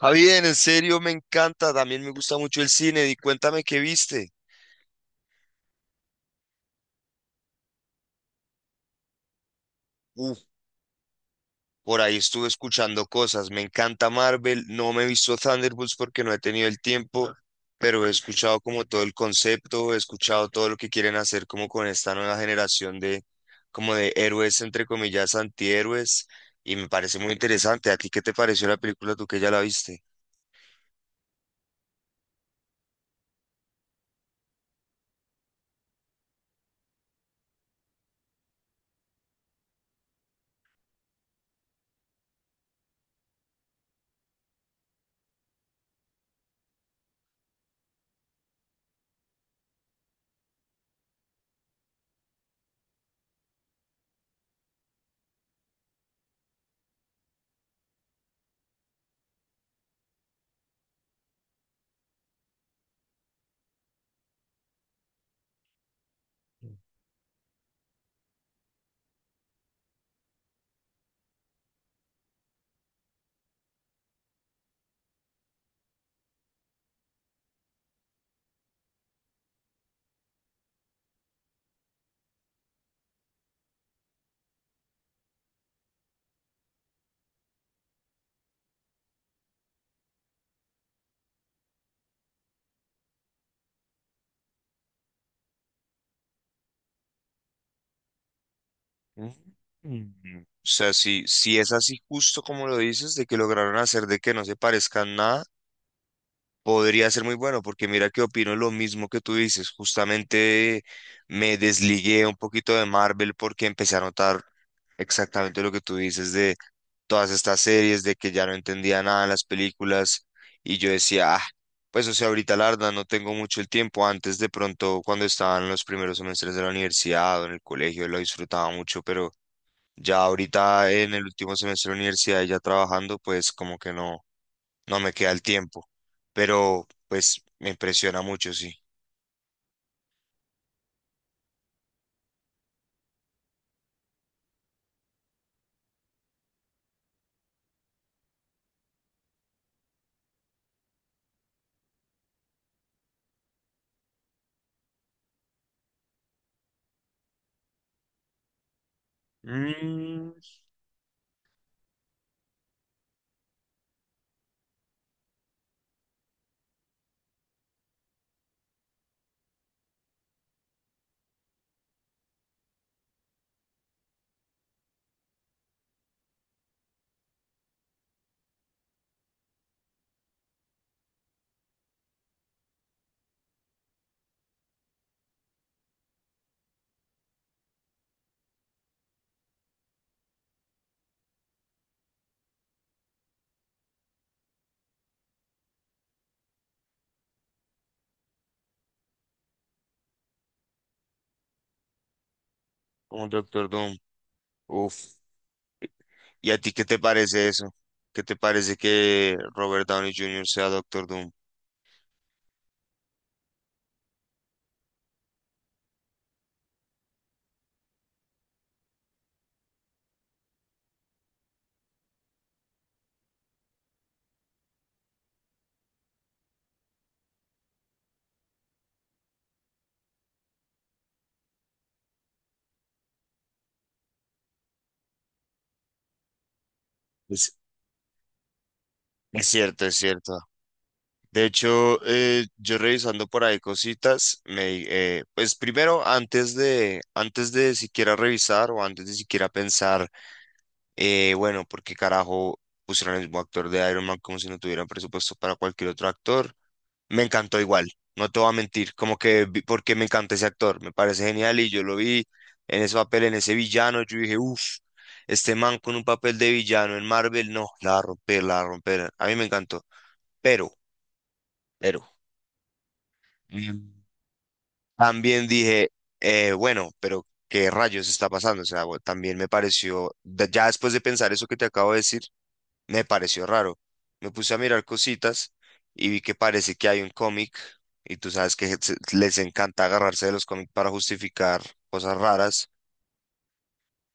Javier, en serio me encanta, también me gusta mucho el cine y cuéntame qué viste. Uf, por ahí estuve escuchando cosas, me encanta Marvel, no me he visto Thunderbolts porque no he tenido el tiempo, pero he escuchado como todo el concepto, he escuchado todo lo que quieren hacer como con esta nueva generación de como de héroes entre comillas antihéroes y me parece muy interesante. ¿A ti qué te pareció la película tú que ya la viste? Mm. O sea, si es así justo como lo dices, de que lograron hacer de que no se parezcan nada. Podría ser muy bueno, porque mira que opino lo mismo que tú dices. Justamente me desligué un poquito de Marvel porque empecé a notar exactamente lo que tú dices de todas estas series, de que ya no entendía nada en las películas y yo decía, ah, pues o sea, ahorita la verdad no tengo mucho el tiempo. Antes de pronto, cuando estaba en los primeros semestres de la universidad o en el colegio, lo disfrutaba mucho, pero ya ahorita en el último semestre de la universidad y ya trabajando, pues como que no me queda el tiempo, pero pues me impresiona mucho, sí. Mm, un Doctor Doom. Uf. ¿Y a ti qué te parece eso? ¿Qué te parece que Robert Downey Jr. sea Doctor Doom? Es, es cierto, es cierto. De hecho, yo revisando por ahí cositas, me, pues primero, antes de siquiera revisar o antes de siquiera pensar, bueno, ¿por qué carajo pusieron el mismo actor de Iron Man como si no tuvieran presupuesto para cualquier otro actor? Me encantó igual, no te voy a mentir, como que porque me encanta ese actor, me parece genial y yo lo vi en ese papel, en ese villano, yo dije, uff, este man con un papel de villano en Marvel, no, la va a romper, la va a romper, a mí me encantó, pero, pero, mm, también dije, bueno, pero ¿qué rayos está pasando? O sea, bueno, también me pareció, ya después de pensar eso que te acabo de decir, me pareció raro. Me puse a mirar cositas y vi que parece que hay un cómic y tú sabes que les encanta agarrarse de los cómics para justificar cosas raras,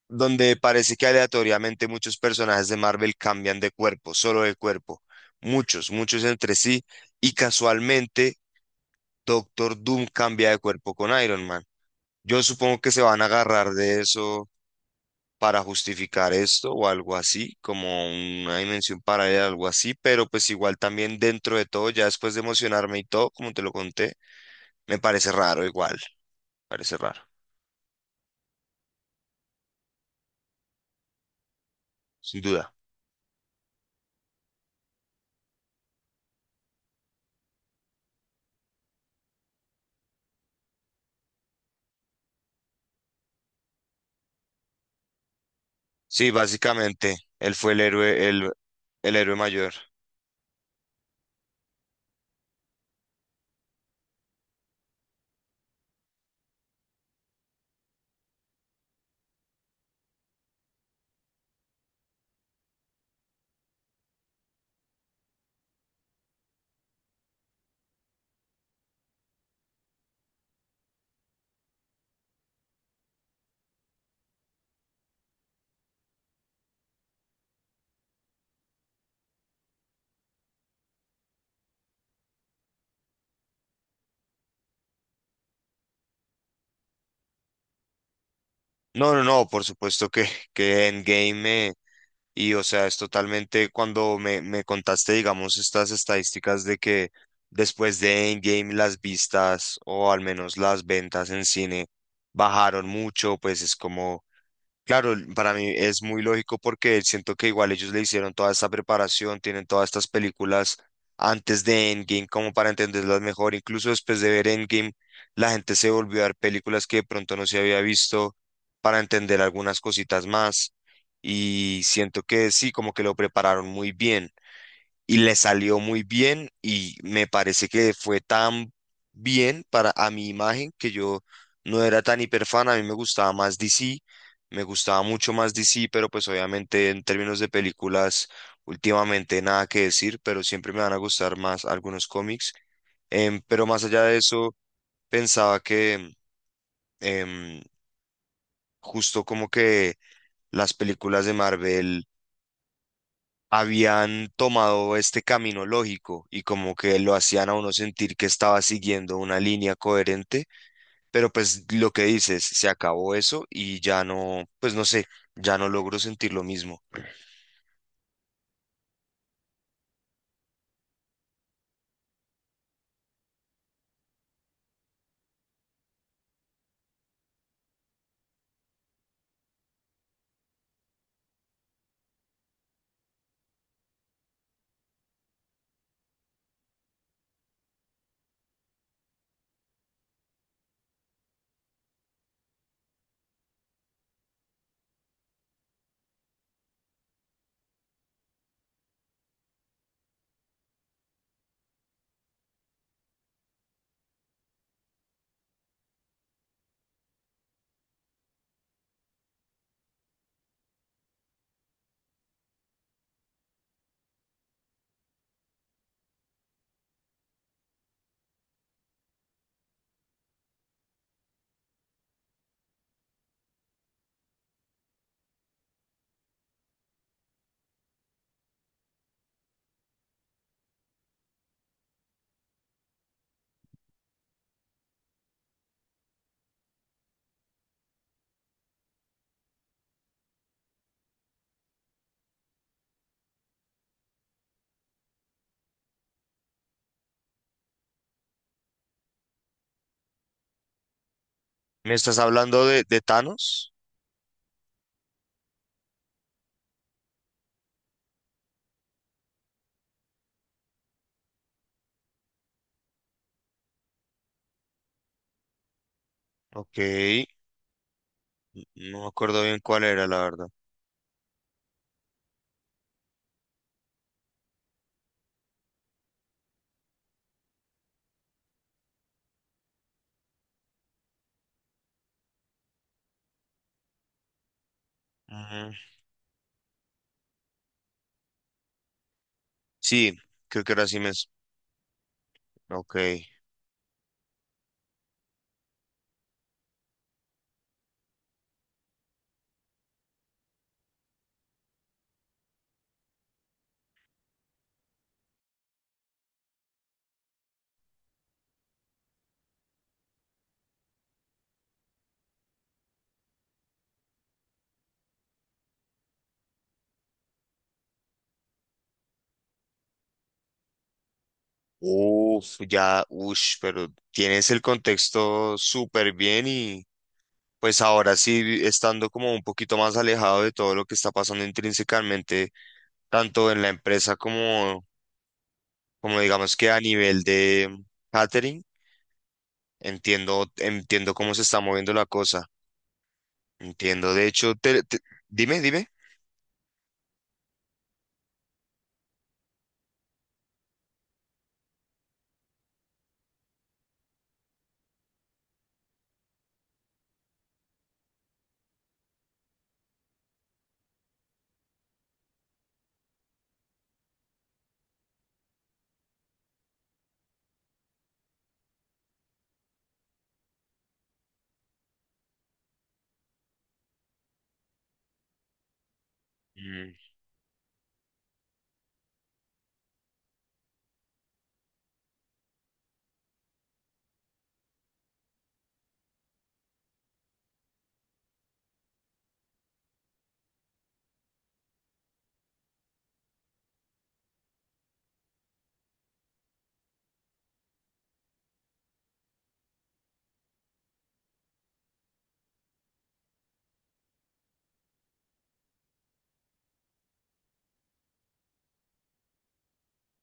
donde parece que aleatoriamente muchos personajes de Marvel cambian de cuerpo, solo de cuerpo, muchos entre sí y casualmente Doctor Doom cambia de cuerpo con Iron Man. Yo supongo que se van a agarrar de eso para justificar esto o algo así, como una dimensión paralela, algo así, pero pues igual también dentro de todo, ya después de emocionarme y todo, como te lo conté, me parece raro igual, parece raro, sin duda. Sí, básicamente, él fue el héroe mayor. No, no, no, por supuesto que Endgame me, y o sea, es totalmente cuando me contaste, digamos, estas estadísticas de que después de Endgame las vistas o al menos las ventas en cine bajaron mucho, pues es como, claro, para mí es muy lógico porque siento que igual ellos le hicieron toda esta preparación, tienen todas estas películas antes de Endgame como para entenderlas mejor. Incluso después de ver Endgame, la gente se volvió a ver películas que de pronto no se había visto para entender algunas cositas más. Y siento que sí, como que lo prepararon muy bien y le salió muy bien y me parece que fue tan bien para a mi imagen que yo no era tan hiperfan, a mí me gustaba más DC, me gustaba mucho más DC, pero pues obviamente en términos de películas últimamente nada que decir, pero siempre me van a gustar más algunos cómics. Pero más allá de eso, pensaba que em, justo como que las películas de Marvel habían tomado este camino lógico y como que lo hacían a uno sentir que estaba siguiendo una línea coherente, pero pues lo que dices, se acabó eso y ya no, pues no sé, ya no logro sentir lo mismo. ¿Me estás hablando de Thanos? Ok, no me acuerdo bien cuál era, la verdad. Ujú. Sí, creo que era así mismo. Ok. Uf, ya, ush, pero tienes el contexto súper bien y, pues ahora sí, estando como un poquito más alejado de todo lo que está pasando intrínsecamente, tanto en la empresa como, como digamos que a nivel de catering, entiendo, entiendo cómo se está moviendo la cosa. Entiendo, de hecho, dime, dime. Mm,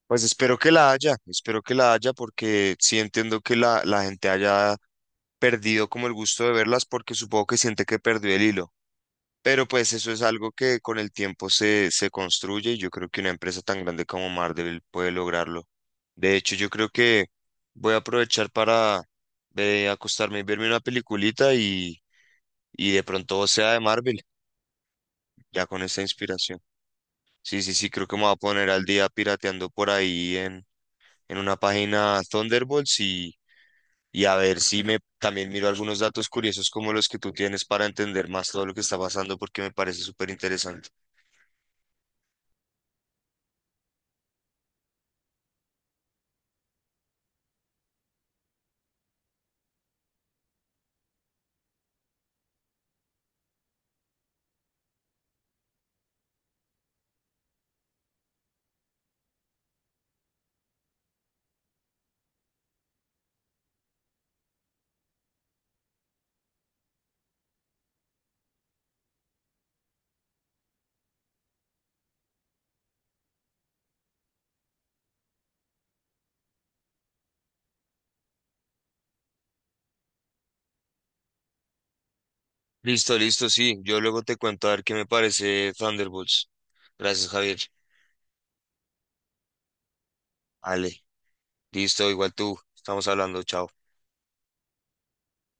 pues espero que la haya, espero que la haya porque sí entiendo que la gente haya perdido como el gusto de verlas porque supongo que siente que perdió el hilo. Pero pues eso es algo que con el tiempo se, se construye y yo creo que una empresa tan grande como Marvel puede lograrlo. De hecho, yo creo que voy a aprovechar para acostarme y verme una peliculita y de pronto sea de Marvel, ya con esa inspiración. Sí, sí, sí, creo que me voy a poner al día pirateando por ahí en una página Thunderbolts y a ver si me también miro algunos datos curiosos como los que tú tienes para entender más todo lo que está pasando porque me parece súper interesante. Listo, listo, sí. Yo luego te cuento a ver qué me parece Thunderbolts. Gracias, Javier. Ale, listo, igual tú. Estamos hablando, chao.